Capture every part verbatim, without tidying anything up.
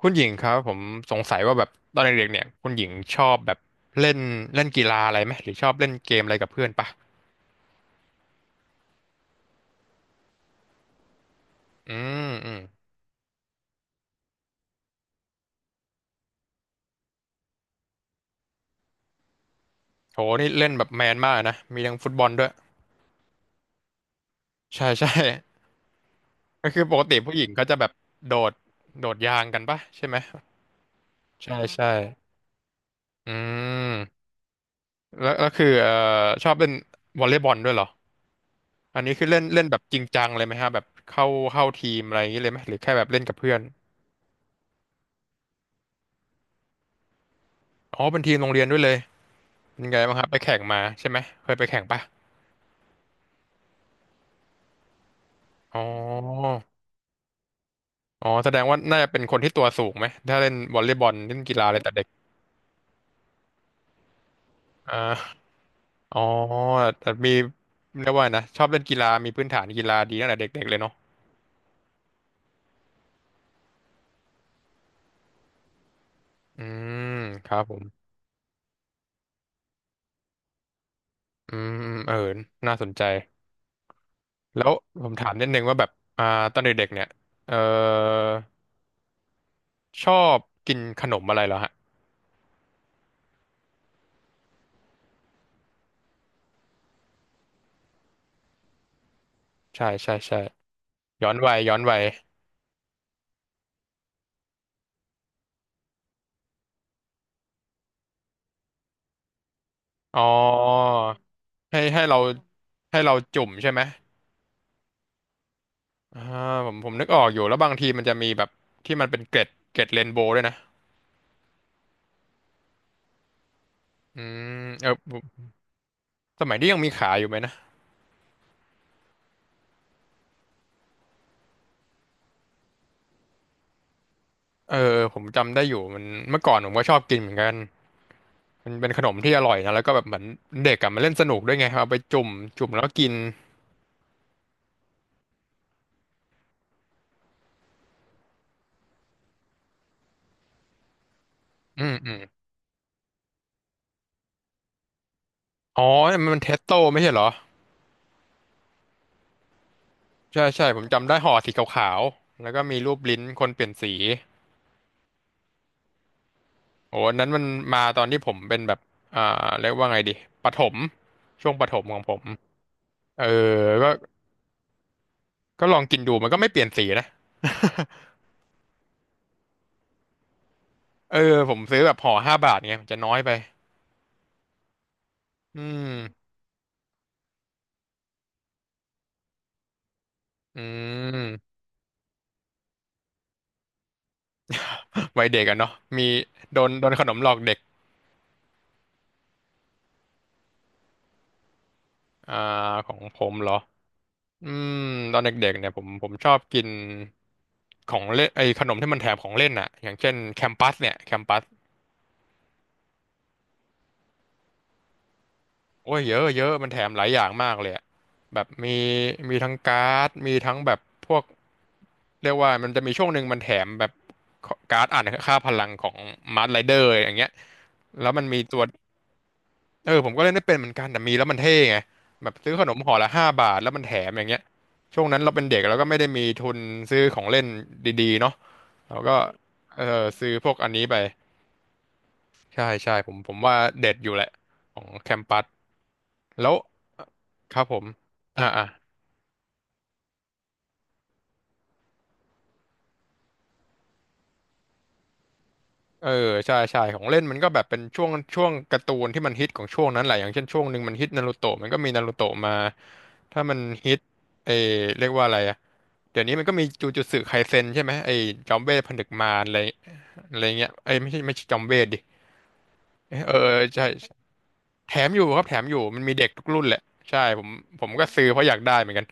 คุณหญิงครับผมสงสัยว่าแบบตอนเด็กๆเนี่ยคุณหญิงชอบแบบเล่นเล่นกีฬาอะไรไหมหรือชอบเล่นเกมอะไรกับเพื่อนปะอืมอืมโหนี่เล่นแบบแมนมากนะมีทั้งฟุตบอลด้วยใช่ใช่ ก็คือปกติผู้หญิงก็จะแบบโดดโดดยางกันปะใช่ไหมใช่ใช่อืมแล้วแล้วคือเอ่อชอบเล่นวอลเลย์บอลด้วยเหรออันนี้คือเล่นเล่นแบบจริงจังเลยไหมฮะแบบเข้าเข้าทีมอะไรอย่างนี้เลยไหมหรือแค่แบบเล่นกับเพื่อนอ๋อเป็นทีมโรงเรียนด้วยเลย ยังไงบ้างครับไปแข่งมาใช่ไหมเคยไปแข่งปะอ๋ออ๋อแสดงว่าน่าจะเป็นคนที่ตัวสูงไหมถ้าเล่นวอลเลย์บอลเล่นกีฬาอะไรแต่เด็กอ่าอ๋อแต่มีเรียกว่าไงนะชอบเล่นกีฬามีพื้นฐานกีฬาดีตั้งแต่เด็กๆเลยเนาะอืมครับผมอืมเออน่าสนใจแล้วผมถามนิดนึงว่าแบบอ่าตอนเด็กๆเนี่ยเออชอบกินขนมอะไรเหรอฮะใช่ใช่ใช่ย้อนวัยย้อนวัยอ๋อให้ให้เราให้เราจุ่มใช่ไหม อ่าผมผมนึกออกอยู่แล้วบางทีมันจะมีแบบที่มันเป็นเกล็ดเกล็ดเรนโบว์ด้วยนะอืมเออผมสมัยนี้ยังมีขายอยู่ไหมนะเออเออผมจำได้อยู่มันเมื่อก่อนผมก็ชอบกินเหมือนกันมันเป็นขนมที่อร่อยนะแล้วก็แบบเหมือนเด็กอะมันเล่นสนุกด้วยไงเอาไปจุ่มจุ่มแล้วก็กินอืมอืมอ๋อมันเทสโต้ไม่ใช่เหรอใช่ใช่ผมจำได้ห่อสีขาวๆแล้วก็มีรูปลิ้นคนเปลี่ยนสีโอ้อันนั้นมันมาตอนที่ผมเป็นแบบอ่าเรียกว่าไงดีประถมช่วงประถมของผมเออก็ ก็ลองกินดูมันก็ไม่เปลี่ยนสีนะ เออผมซื้อแบบห่อห้าบาทไงมันจะน้อยไปอืมอืมวัยเด็กอะเนาะมีโดนโดนขนมหลอกเด็กอ่าของผมเหรออืมตอนเด็กๆเนี่ยผมผมชอบกินของเล่นไอ้ขนมที่มันแถมของเล่นอะอย่างเช่นแคมปัสเนี่ยแคมปัส โอ้ยเยอะเยอะมันแถมหลายอย่างมากเลยอะแบบมีมีทั้งการ์ดมีทั้งแบบพวกเรียกว่ามันจะมีช่วงหนึ่งมันแถมแบบการ์ดอ่านค่าพลังของมาร์ r ไรเดอร์อย่างเงี้ยแล้วมันมีตัวเออผมก็เล่นไม่เป็นเหมือนกันแต่มีแล้วมันเท่ไงแบบซื้อขนมห่อละห้าบาทแล้วมันแถมอย่างเงี้ยช่วงนั้นเราเป็นเด็กแล้วก็ไม่ได้มีทุนซื้อของเล่นดีๆเนาะเราก็เออซื้อพวกอันนี้ไปใช่ใช่ผมผมว่าเด็ดอยู่แหละของแคมปัส แล้วครับผมอ่าอ่าเออใช่ใช่ของเล่นมันก็แบบเป็นช่วงช่วงการ์ตูนที่มันฮิตของช่วงนั้นแหละอย่างเช่นช่วงหนึ่งมันฮิตนารูโตะมันก็มีนารูโตะมาถ้ามันฮิตเออเรียกว่าอะไรอะเดี๋ยวนี้มันก็มีจูจูตสึไคเซ็นใช่ไหมไอ้จอมเวทผนึกมารอะไรอะไรเงี้ยไอ้ยไม่ใช่ไม่ใช่จอมเวทดิเออเออใช่แถมอยู่ครับแถมอยู่มันมีเด็กทุกรุ่นแหละใช่ผมผมก็ซื้อเพราะอยากได้เหมือนกัน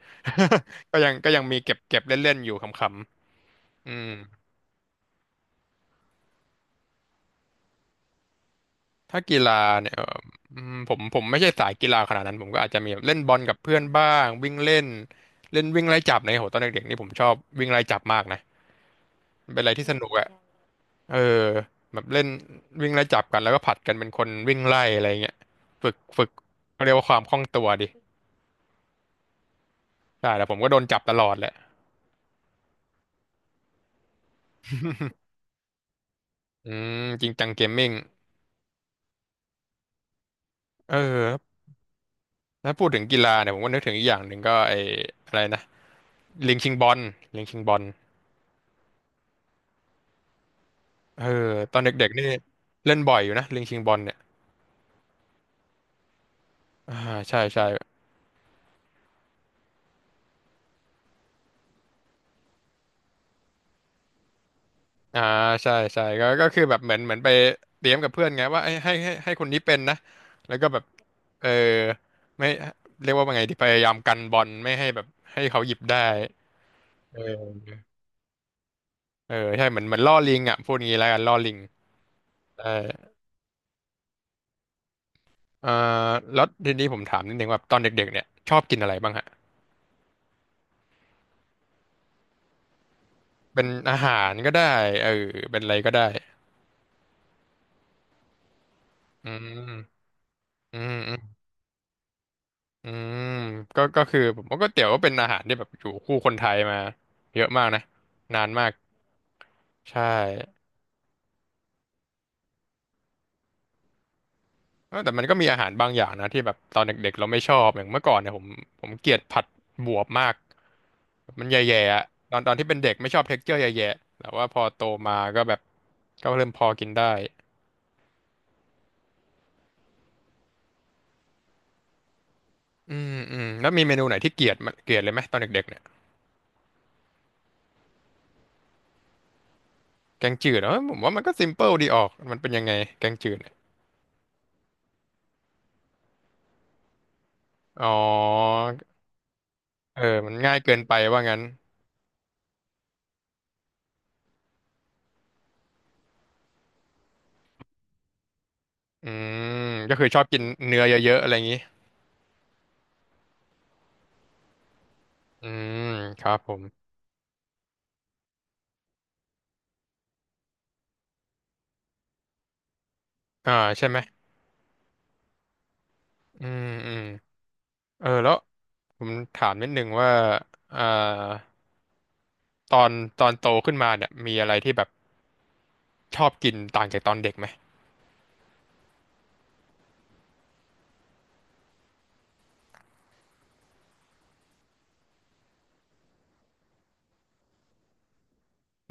ก็ยังก็ยังมีเก็บเก็บเล่นๆอยู่ขำๆอืม ถ้ากีฬาเนี่ยเอ่ออืมผมผมไม่ใช่สายกีฬาขนาดนั้นผมก็อาจจะมีแบบเล่นบอลกับเพื่อนบ้างวิ่งเล่นเล่นวิ่งไล่จับในยโหตอนเด็กๆนี่ผมชอบวิ่งไล่จับมากนะมันเป็นอะไรที่สนุกอะเออแบบเล่นวิ่งไล่จับกันแล้วก็ผลัดกันเป็นคนวิ่งไล่อะไรเงี้ยฝึกฝึกเขาเรียกว่าความคล่องตัวดิใช่แต่ผมก็โดนจับตลอดแหละอืมจริงจังเกมมิ่งเออถ้าพูดถึงกีฬาเนี่ยผมก็นึกถึงอีกอย่างหนึ่งก็ไอ้อะไรนะลิงชิงบอลลิงชิงบอลเออตอนเด็กๆนี่เล่นบ่อยอยู่นะลิงชิงบอลเนี่ย อ่าใช่ใช่อ่าใช่ใช่ก็ก็คือแบบเหมือนเหมือนไปเตรียมกับเพื่อนไงว่าให้ให้ให้ให้คนนี้เป็นนะแล้วก็แบบเออไม่เรียกว่าไงดีพยายามกันบอลไม่ให้แบบให้เขาหยิบได้เออเออใช่เหมือนเหมือนล่อลิงอ่ะพูดงี้แล้วกันล่อลิงใช่เอ่อแล้วทีนี้ผมถามนิดนึงว่าตอนเด็กๆเนี่ยชอบกินอะไรบ้างฮะเป็นอาหารก็ได้เออเป็นอะไรก็ได้อืมอืมอืม อืมก็ก็คือผมว่าก๋วยเตี๋ยวก็เป็นอาหารที่แบบอยู่คู่คนไทยมาเยอะมากนะนานมากใช่เออแต่มันก็มีอาหารบางอย่างนะที่แบบตอนเด็กๆเราไม่ชอบอย่างเมื่อก่อนเนี่ยผมผมเกลียดผัดบวบมากมันแย่ๆอะตอนตอนที่เป็นเด็กไม่ชอบเท็กเจอร์แย่ๆแต่ว่าพอโตมาก็แบบก็เริ่มพอกินได้อืมอืมแล้วมีเมนูไหนที่เกลียดมั้ยเกลียดเลยไหมตอนเด็กๆเนี่ยแกงจืดเหรอเออผมว่ามันก็ซิมเปิลดีออกมันเป็นยังไงแกงจืดเนี่ยอ๋อเออมันง่ายเกินไปว่างั้น อืมก็คือชอบกินเนื้อเยอะๆอะไรอย่างนี้อืมครับผมอ่าใช่ไหมอืมอืมเออแล้วผมถามนิดนึงว่าอ่าตอนตอนโตขึ้นมาเนี่ยมีอะไรที่แบบชอบกินต่างจากตอนเด็กไหม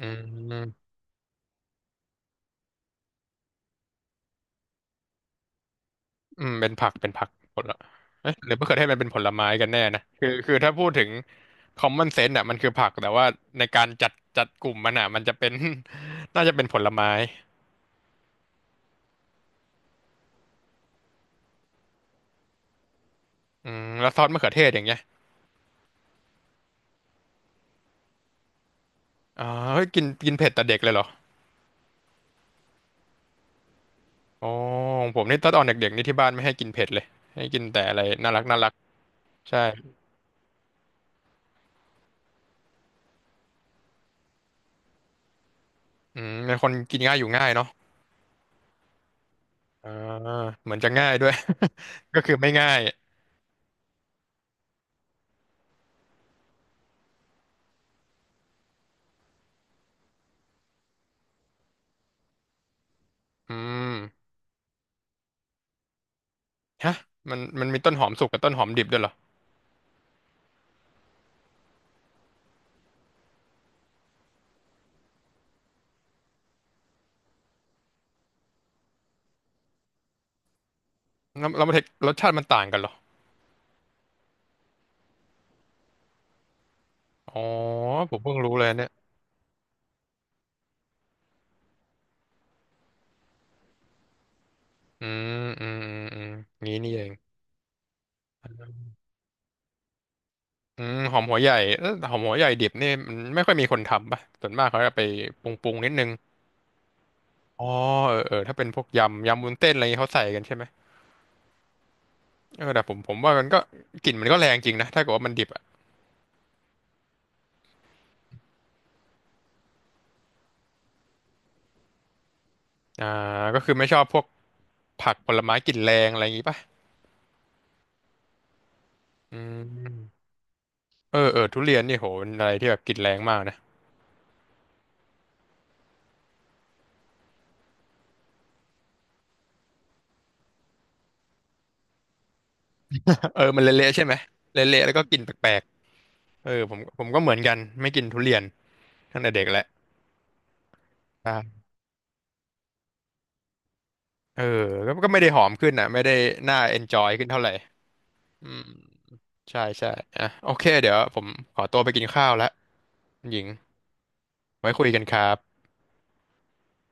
อืมอืมเป็นผักเป็นผักผลละเอ๊ะหรือมะเขือเทศมันเป็นผลไม้กันแน่นะคือคือถ้าพูดถึง common sense อ่ะมันคือผักแต่ว่าในการจัดจัดกลุ่มมันอ่ะมันจะเป็น น่าจะเป็นผลไม้อืมแล้วซอสมะเขือเทศอย่างเงี้ยอ๋อเฮ้ยกินกินเผ็ดแต่เด็กเลยเหรอ อ๋อของผมนี่ตอนตอนเด็กๆนี่ที่บ้านไม่ให้กินเผ็ดเลยให้กินแต่อะไรน่ารักน่ารักใช่อืมเป็นคนกินง่ายอยู่ง่ายเนาะอ่าเหมือนจะง่ายด้วย ก็คือไม่ง่ายอืมฮะมันมันมีต้นหอมสุกกับต้นหอมดิบด้วยเหรอแล้วแล้วรสรสชาติมันต่างกันเหรออ๋อผมเพิ่งรู้เลยเนี่ยอืมอืมอืมอืมงี้นี่เองอืมหอมหัวใหญ่เอ้อหอมหัวใหญ่ดิบนี่มันไม่ค่อยมีคนทำป่ะส่วนมากเขาจะไปปรุงปรุงนิดนึงอ๋อเออเออถ้าเป็นพวกยำยำวุ้นเส้นอะไรอย่างงี้เขาใส่กันใช่ไหม เออแต่ผมผมว่ามันก็กลิ่นมันก็แรงจริงนะถ้าเกิดว่ามันดิบอ่ะอ่าก็คือไม่ชอบพวกผักผลไม้กลิ่นแรงอะไรอย่างงี้ป่ะอืมเออเออทุเรียนนี่โหเป็นอะไรที่แบบกลิ่นแรงมากนะ เออมันเละๆใช่ไหมเละๆแล้วก็กลิ่นแปลกๆเออผมผมก็เหมือนกันไม่กินทุเรียนตั้งแต่เด็กแหละใช่เออก็ก็ไม่ได้หอมขึ้นอ่ะไม่ได้น่าเอนจอยขึ้นเท่าไหร่อืมใช่ใช่อ่ะโอเคเดี๋ยวผมขอตัวไปกินข้าวละคุณหญิงไว้คุยกันครับ